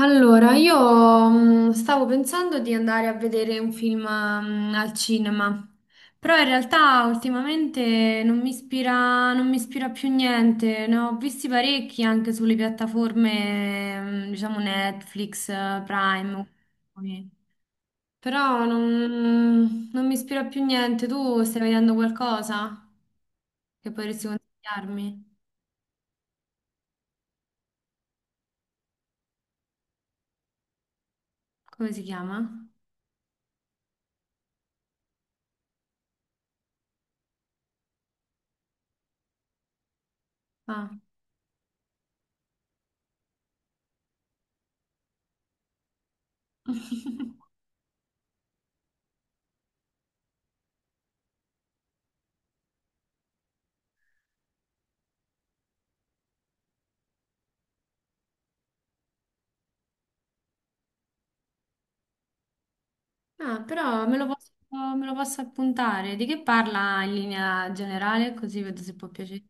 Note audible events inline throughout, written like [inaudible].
Allora, io stavo pensando di andare a vedere un film al cinema, però in realtà ultimamente non mi ispira più niente. Ne ho visti parecchi anche sulle piattaforme, diciamo Netflix, Prime, ok. Però non mi ispira più niente. Tu stai vedendo qualcosa che potresti consigliarmi? Come si chiama? Ah. [laughs] Ah, però me lo posso appuntare. Di che parla in linea generale? Così vedo se può piacere.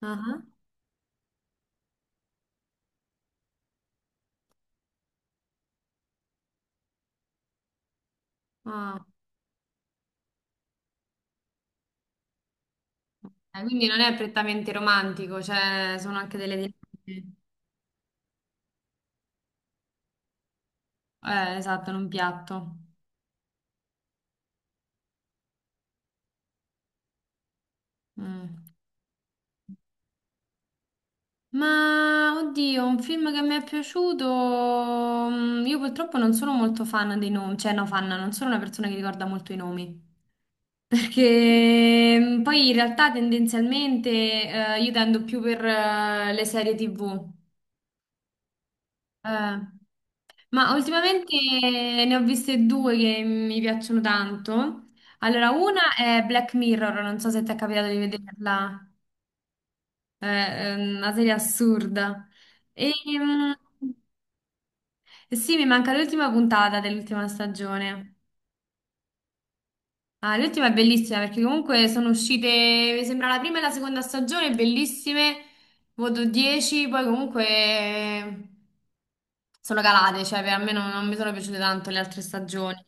Ah, ah. Quindi non è prettamente romantico, cioè sono anche delle dinamiche. Esatto, in un piatto. Mm. Ma oddio, un film che mi è piaciuto. Io purtroppo non sono molto fan dei nomi, cioè no, fan, non sono una persona che ricorda molto i nomi. Perché poi in realtà tendenzialmente io tendo più per le serie TV. Eh, Ma ultimamente ne ho viste due che mi piacciono tanto. Allora, una è Black Mirror, non so se ti è capitato di vederla. È una serie assurda. E, mm, Sì, mi manca l'ultima puntata dell'ultima stagione. Ah, l'ultima è bellissima perché comunque sono uscite, mi sembra la prima e la seconda stagione, bellissime, voto 10. Poi comunque sono calate, cioè per me non mi sono piaciute tanto le altre stagioni.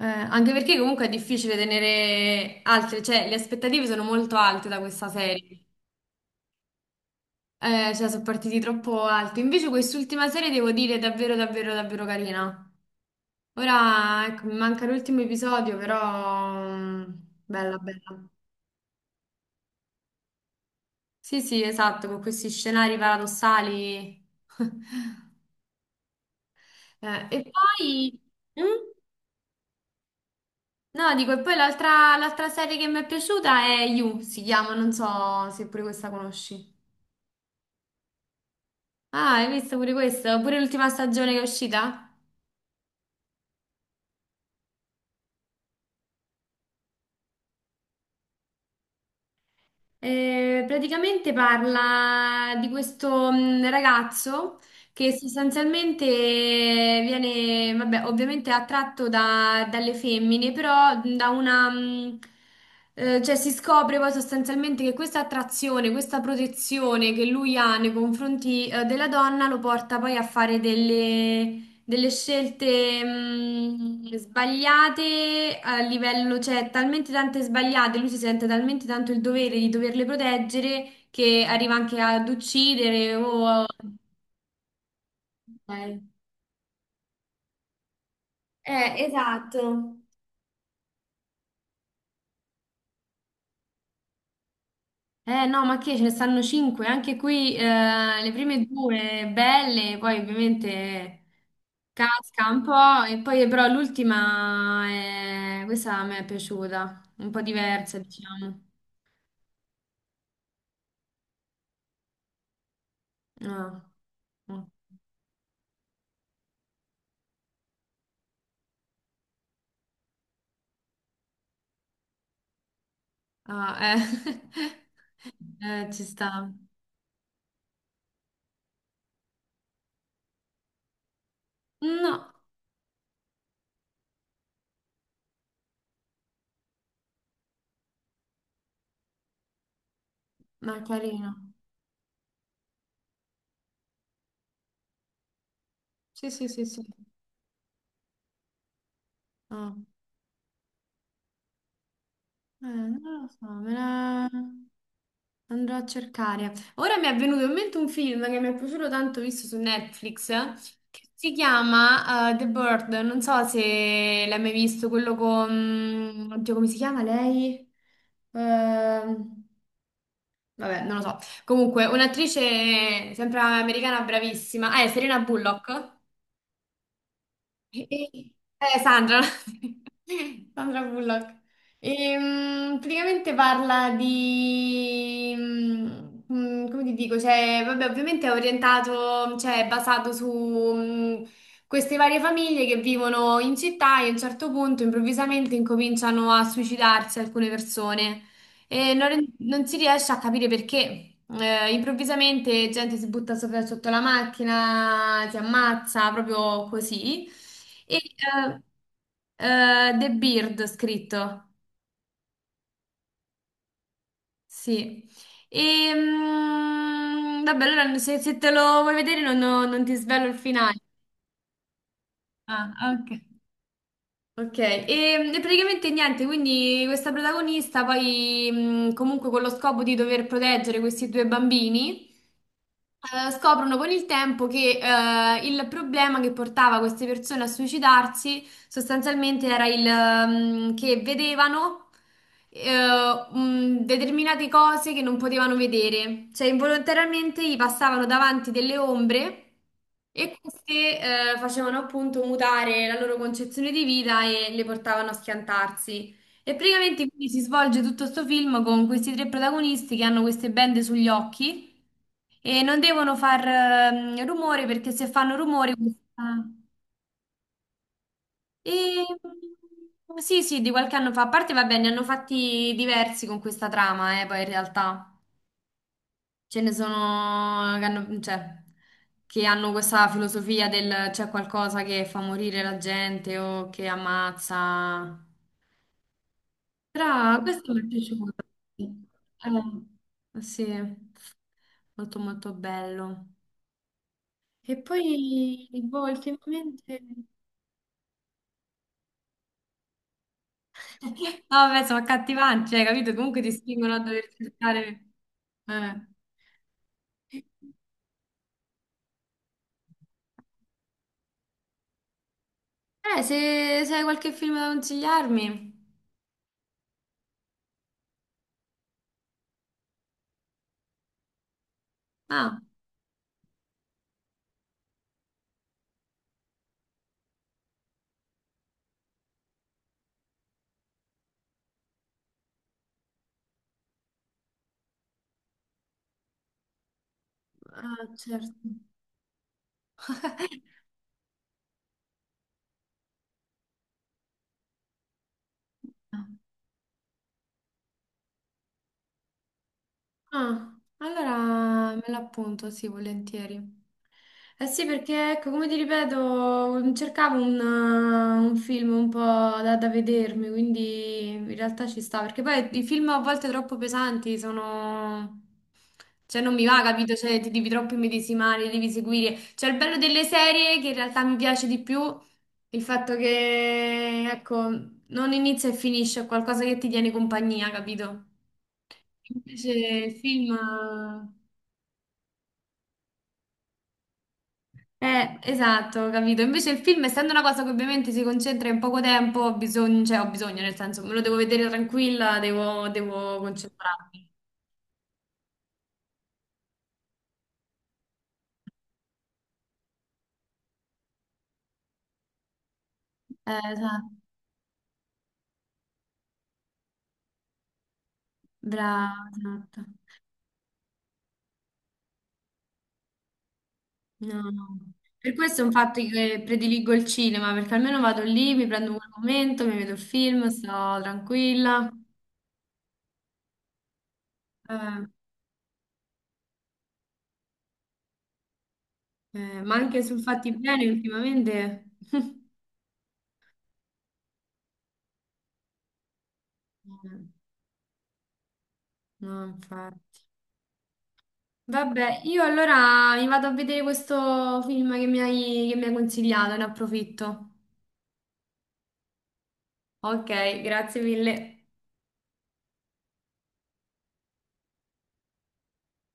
Anche perché comunque è difficile tenere altre, cioè le aspettative sono molto alte da questa serie. Cioè sono partiti troppo alti. Invece quest'ultima serie devo dire è davvero, davvero, davvero carina. Ora, ecco, mi manca l'ultimo episodio, però bella, bella. Sì, sì, esatto, con questi scenari paradossali. [laughs] E poi. Mm? No, dico, e poi l'altra serie che mi è piaciuta è You, si chiama, non so se pure questa conosci. Ah, hai visto pure questa? Pure l'ultima stagione che è uscita? Praticamente parla di questo ragazzo che sostanzialmente viene, vabbè, ovviamente attratto dalle femmine, però da una, cioè si scopre poi sostanzialmente che questa attrazione, questa protezione che lui ha nei confronti, della donna lo porta poi a fare delle scelte sbagliate a livello, cioè talmente tante sbagliate, lui si sente talmente tanto il dovere di doverle proteggere che arriva anche ad uccidere o Eh, esatto. Eh no, ma che ce ne stanno cinque. Anche qui le prime due belle, poi ovviamente casca un po', e poi però l'ultima, questa a me è piaciuta, un po' diversa, diciamo. Ah, mm. Ah, eh. [laughs] Ci sta. No, ma è carino. Sì, sì, sì, sì. Ah. Non lo so, me la andrò a cercare. Ora mi è venuto in mente un film che mi è piaciuto tanto, visto su Netflix, che si chiama The Bird. Non so se l'hai mai visto, quello con, oddio, come si chiama lei? Ehm, Vabbè, non lo so. Comunque, un'attrice sempre americana bravissima. Ah, è Serena Bullock. Eh, Sandra. [laughs] Sandra Bullock. Praticamente parla di come ti dico? Cioè, vabbè, ovviamente è orientato, cioè è basato su mm, queste varie famiglie che vivono in città e a un certo punto improvvisamente incominciano a suicidarsi alcune persone. E non si riesce a capire perché improvvisamente gente si butta sotto la macchina, si ammazza proprio così. E eh, The Beard scritto, sì. Vabbè, allora se te lo vuoi vedere non ti svelo il finale. Ah, ok. Ok, e praticamente niente, quindi questa protagonista poi comunque con lo scopo di dover proteggere questi due bambini scoprono con il tempo che il problema che portava queste persone a suicidarsi sostanzialmente era il che vedevano determinate cose che non potevano vedere, cioè involontariamente gli passavano davanti delle ombre e queste facevano appunto mutare la loro concezione di vita e le portavano a schiantarsi. E praticamente quindi si svolge tutto questo film con questi tre protagonisti che hanno queste bende sugli occhi e non devono far rumore perché se fanno rumore E... Sì, sì, di qualche anno fa. A parte, va bene, ne hanno fatti diversi con questa trama, poi in realtà ce ne sono che hanno, cioè, che hanno questa filosofia del c'è qualcosa che fa morire la gente o che ammazza. Però questo mi è piaciuto. Eh sì, molto molto bello. E poi, boh, ultimamente. [laughs] No, vabbè, sono accattivanti, cioè, capito? Comunque ti spingono a dover cercare. Eh, se hai qualche film da consigliarmi. Ah, ah, certo. [laughs] Ah, allora me l'appunto, sì, volentieri. Eh sì, perché ecco, come ti ripeto, cercavo un film un po' da vedermi, quindi in realtà ci sta, perché poi i film a volte troppo pesanti sono. Cioè non mi va, capito? Cioè ti devi troppo immedesimare, li devi seguire. Cioè il bello delle serie, che in realtà mi piace di più, il fatto che, ecco, non inizia e finisce, è qualcosa che ti tiene compagnia, capito? Invece il film. Esatto, capito. Invece il film, essendo una cosa che ovviamente si concentra in poco tempo, ho bisogno, cioè ho bisogno, nel senso, me lo devo vedere tranquilla, devo concentrarmi. Esatto, brava, esatto. No, no. Per questo è un fatto che prediligo il cinema, perché almeno vado lì, mi prendo quel momento, mi vedo il film, sto tranquilla. Eh, ma anche sul fatti bene ultimamente. [laughs] Eh, No, infatti. Vabbè, io allora mi vado a vedere questo film che mi hai consigliato, ne approfitto. Ok, grazie mille.